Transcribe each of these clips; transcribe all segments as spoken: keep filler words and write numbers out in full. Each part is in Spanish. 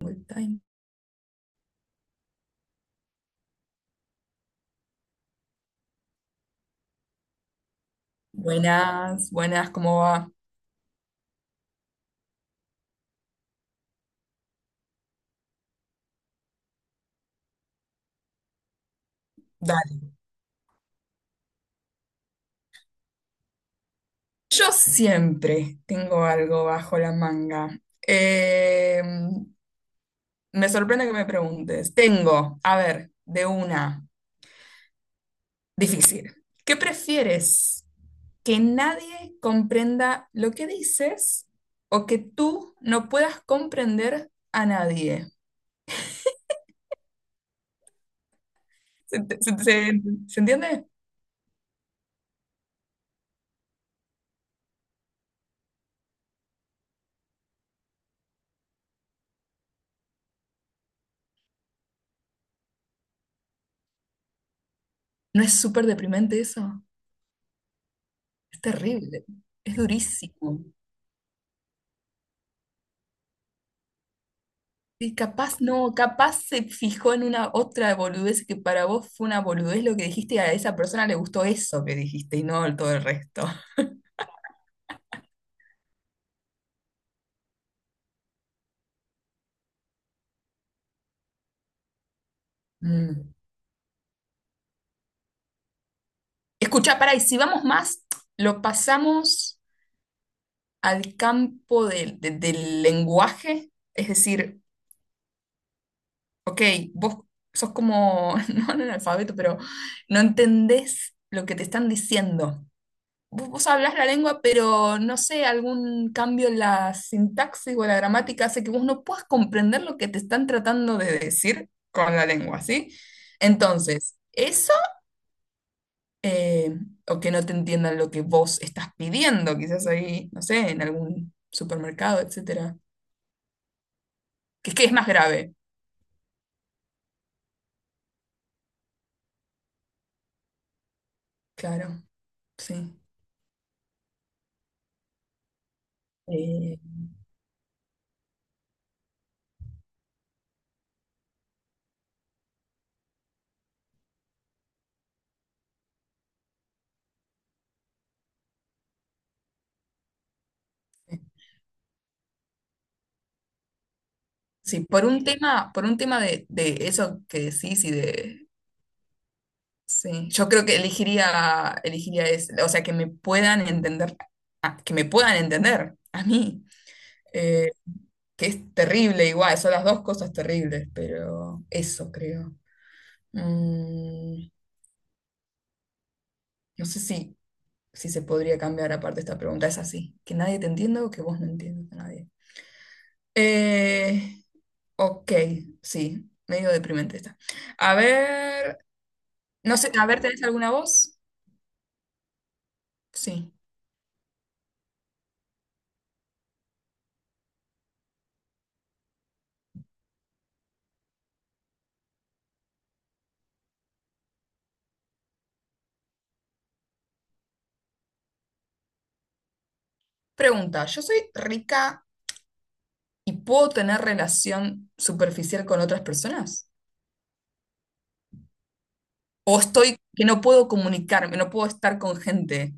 Full time. Buenas, buenas, ¿cómo va? Dale. Yo siempre tengo algo bajo la manga. Eh, Me sorprende que me preguntes. Tengo, a ver, de una, difícil. ¿Qué prefieres? ¿Que nadie comprenda lo que dices o que tú no puedas comprender a nadie? ¿Se, se- se- Se entiende? ¿No es súper deprimente eso? Es terrible, es durísimo. Y capaz no, capaz se fijó en una otra boludez que para vos fue una boludez lo que dijiste y a esa persona le gustó eso que dijiste y no todo el resto. Mm. Escuchá, pará, y si vamos más, lo pasamos al campo del de- del lenguaje, es decir, ok, vos sos como, no analfabeto, pero no entendés lo que te están diciendo. vos, vos hablás la lengua, pero no sé, algún cambio en la sintaxis o en la gramática hace que vos no puedas comprender lo que te están tratando de decir con la lengua, ¿sí? Entonces, eso, eh, o que no te entiendan lo que vos estás pidiendo, quizás ahí, no sé, en algún supermercado, etcétera, que es que es más grave, claro, sí. Eh, sí, por un tema, por un tema de, de eso que decís y de sí, yo creo que elegiría, elegiría es, o sea, que me puedan entender, ah, que me puedan entender a mí, eh, que es terrible igual, son las dos cosas terribles, pero eso creo. Mm, no sé si, si se podría cambiar aparte esta pregunta, es así, que nadie te entienda o que vos no entiendas a nadie. Eh, ok, sí, medio deprimente está. A ver, no sé, a ver, ¿tenés alguna voz? Sí. Pregunta, ¿yo soy rica y puedo tener relación superficial con otras personas? ¿O estoy que no puedo comunicarme, no puedo estar con gente?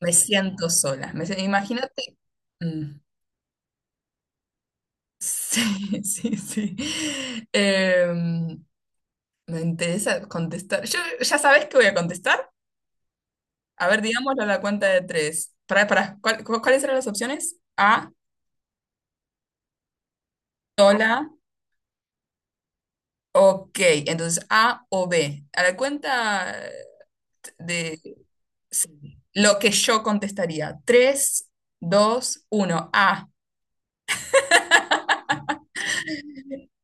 Me siento sola. Me sie- imagínate. Mm, sí, sí, sí. Em, Me interesa contestar. Yo, ¿ya sabes qué voy a contestar? A ver, digámoslo a la cuenta de tres. Para, para, ¿cuál- cu- ¿cuáles eran las opciones? A, sola. Ok, entonces A o B. A la cuenta de sí. Lo que yo contestaría. Tres, dos, uno. A.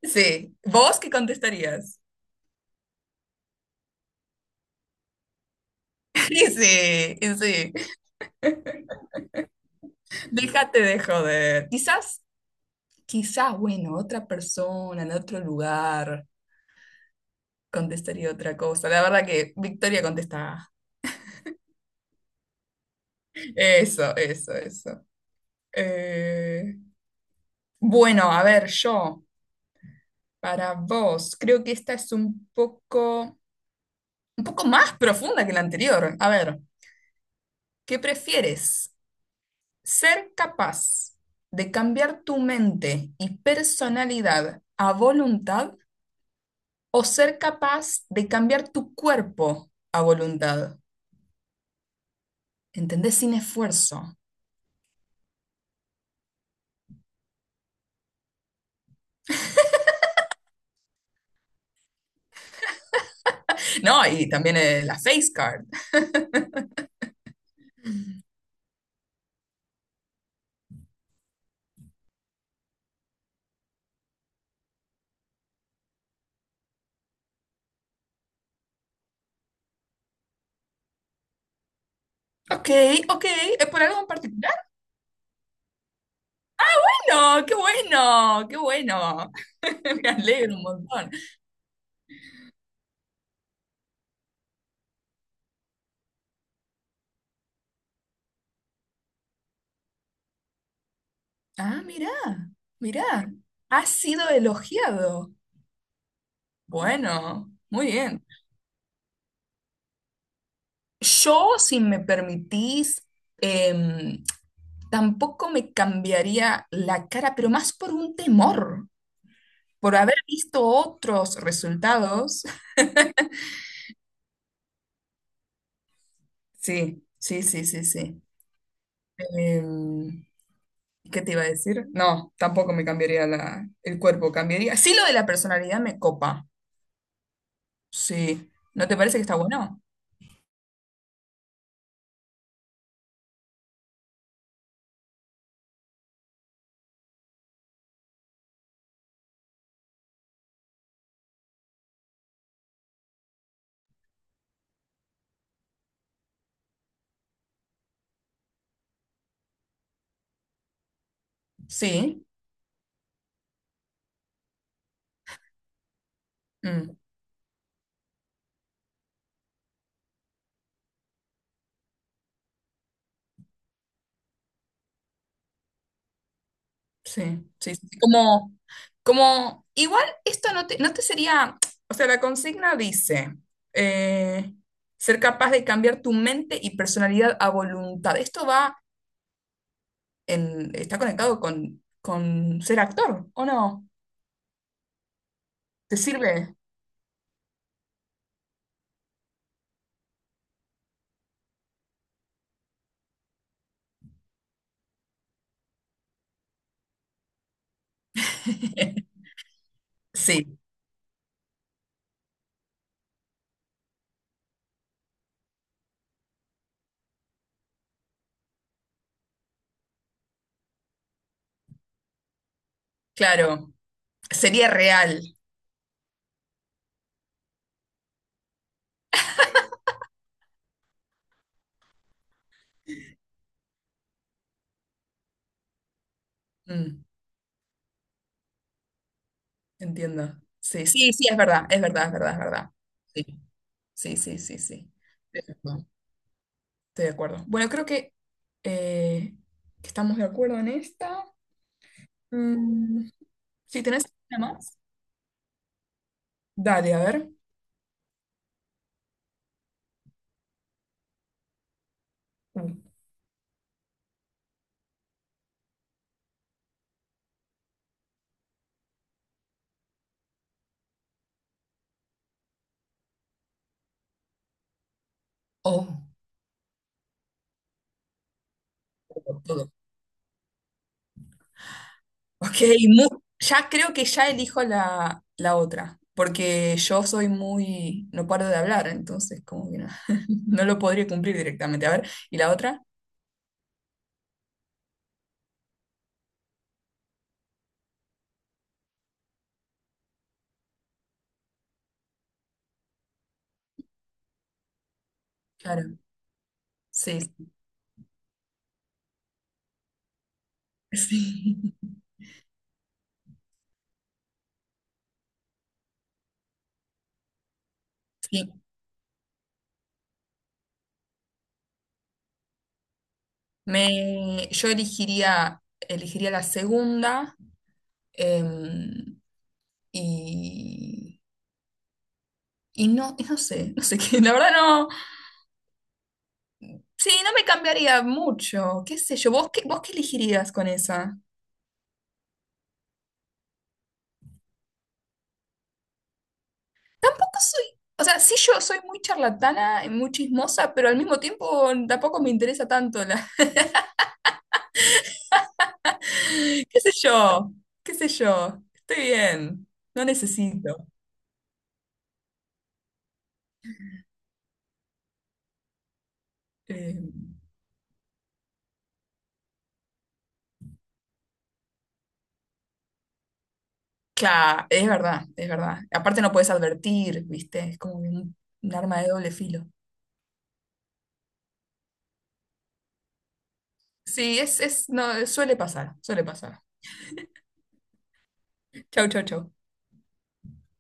Sí. ¿Vos qué contestarías? Y sí, y sí. Déjate de joder. Quizás, quizás, bueno, otra persona en otro lugar contestaría otra cosa. La verdad que Victoria contesta. A. Eso, eso, eso. Eh, bueno, a ver, yo, para vos, creo que esta es un poco, un poco más profunda que la anterior. A ver, ¿qué prefieres? Ser capaz de cambiar tu mente y personalidad a voluntad o ser capaz de cambiar tu cuerpo a voluntad. ¿Entendés? Sin esfuerzo. No, y también eh, la face card. Ok, ok. ¿Es por algo en particular? No, qué bueno, qué bueno. Me alegro un montón. Ah, mirá, mirá. Ha sido elogiado. Bueno, muy bien. Yo, si me permitís, em, tampoco me cambiaría la cara, pero más por un temor, por haber visto otros resultados. Sí, sí, sí, sí, sí. Em, ¿Qué te iba a decir? No, tampoco me cambiaría la, el cuerpo, cambiaría. Sí, lo de la personalidad me copa. Sí. ¿No te parece que está bueno? Sí. Mm. Sí, sí, sí, como, como, igual esto no te, no te sería, o sea, la consigna dice, eh, ser capaz de cambiar tu mente y personalidad a voluntad. Esto va en, está conectado con, con ser actor, ¿o no? ¿Te sirve? Sí, claro, sería real. Mm, entiendo. Sí, sí, sí, es verdad, es verdad, es verdad, es verdad. Sí, sí, sí, sí, sí. Estoy de acuerdo. Bueno, creo que, eh, que estamos de acuerdo en esta. Mm, si tenés alguna más, dale, a ver. Uh, Oh, todo. Todo. Ok, mu- ya creo que ya elijo la, la otra, porque yo soy muy, no paro de hablar, entonces como que no, no lo podría cumplir directamente. A ver, ¿y la otra? Claro, sí, sí. Sí. Me, yo elegiría, elegiría la segunda. em, y y no, y no sé, no sé qué, la verdad no. Sí, no me cambiaría mucho, qué sé yo, ¿vos qué, vos qué elegirías con esa? Tampoco soy, o sea, sí yo soy muy charlatana, y muy chismosa, pero al mismo tiempo tampoco me interesa tanto la... qué sé yo, qué sé yo, estoy bien, no necesito. Eh, claro, es verdad, es verdad. Aparte no puedes advertir, ¿viste? Es como un, un arma de doble filo. Sí, es, es, no, suele pasar, suele pasar. Chau, chau, chau.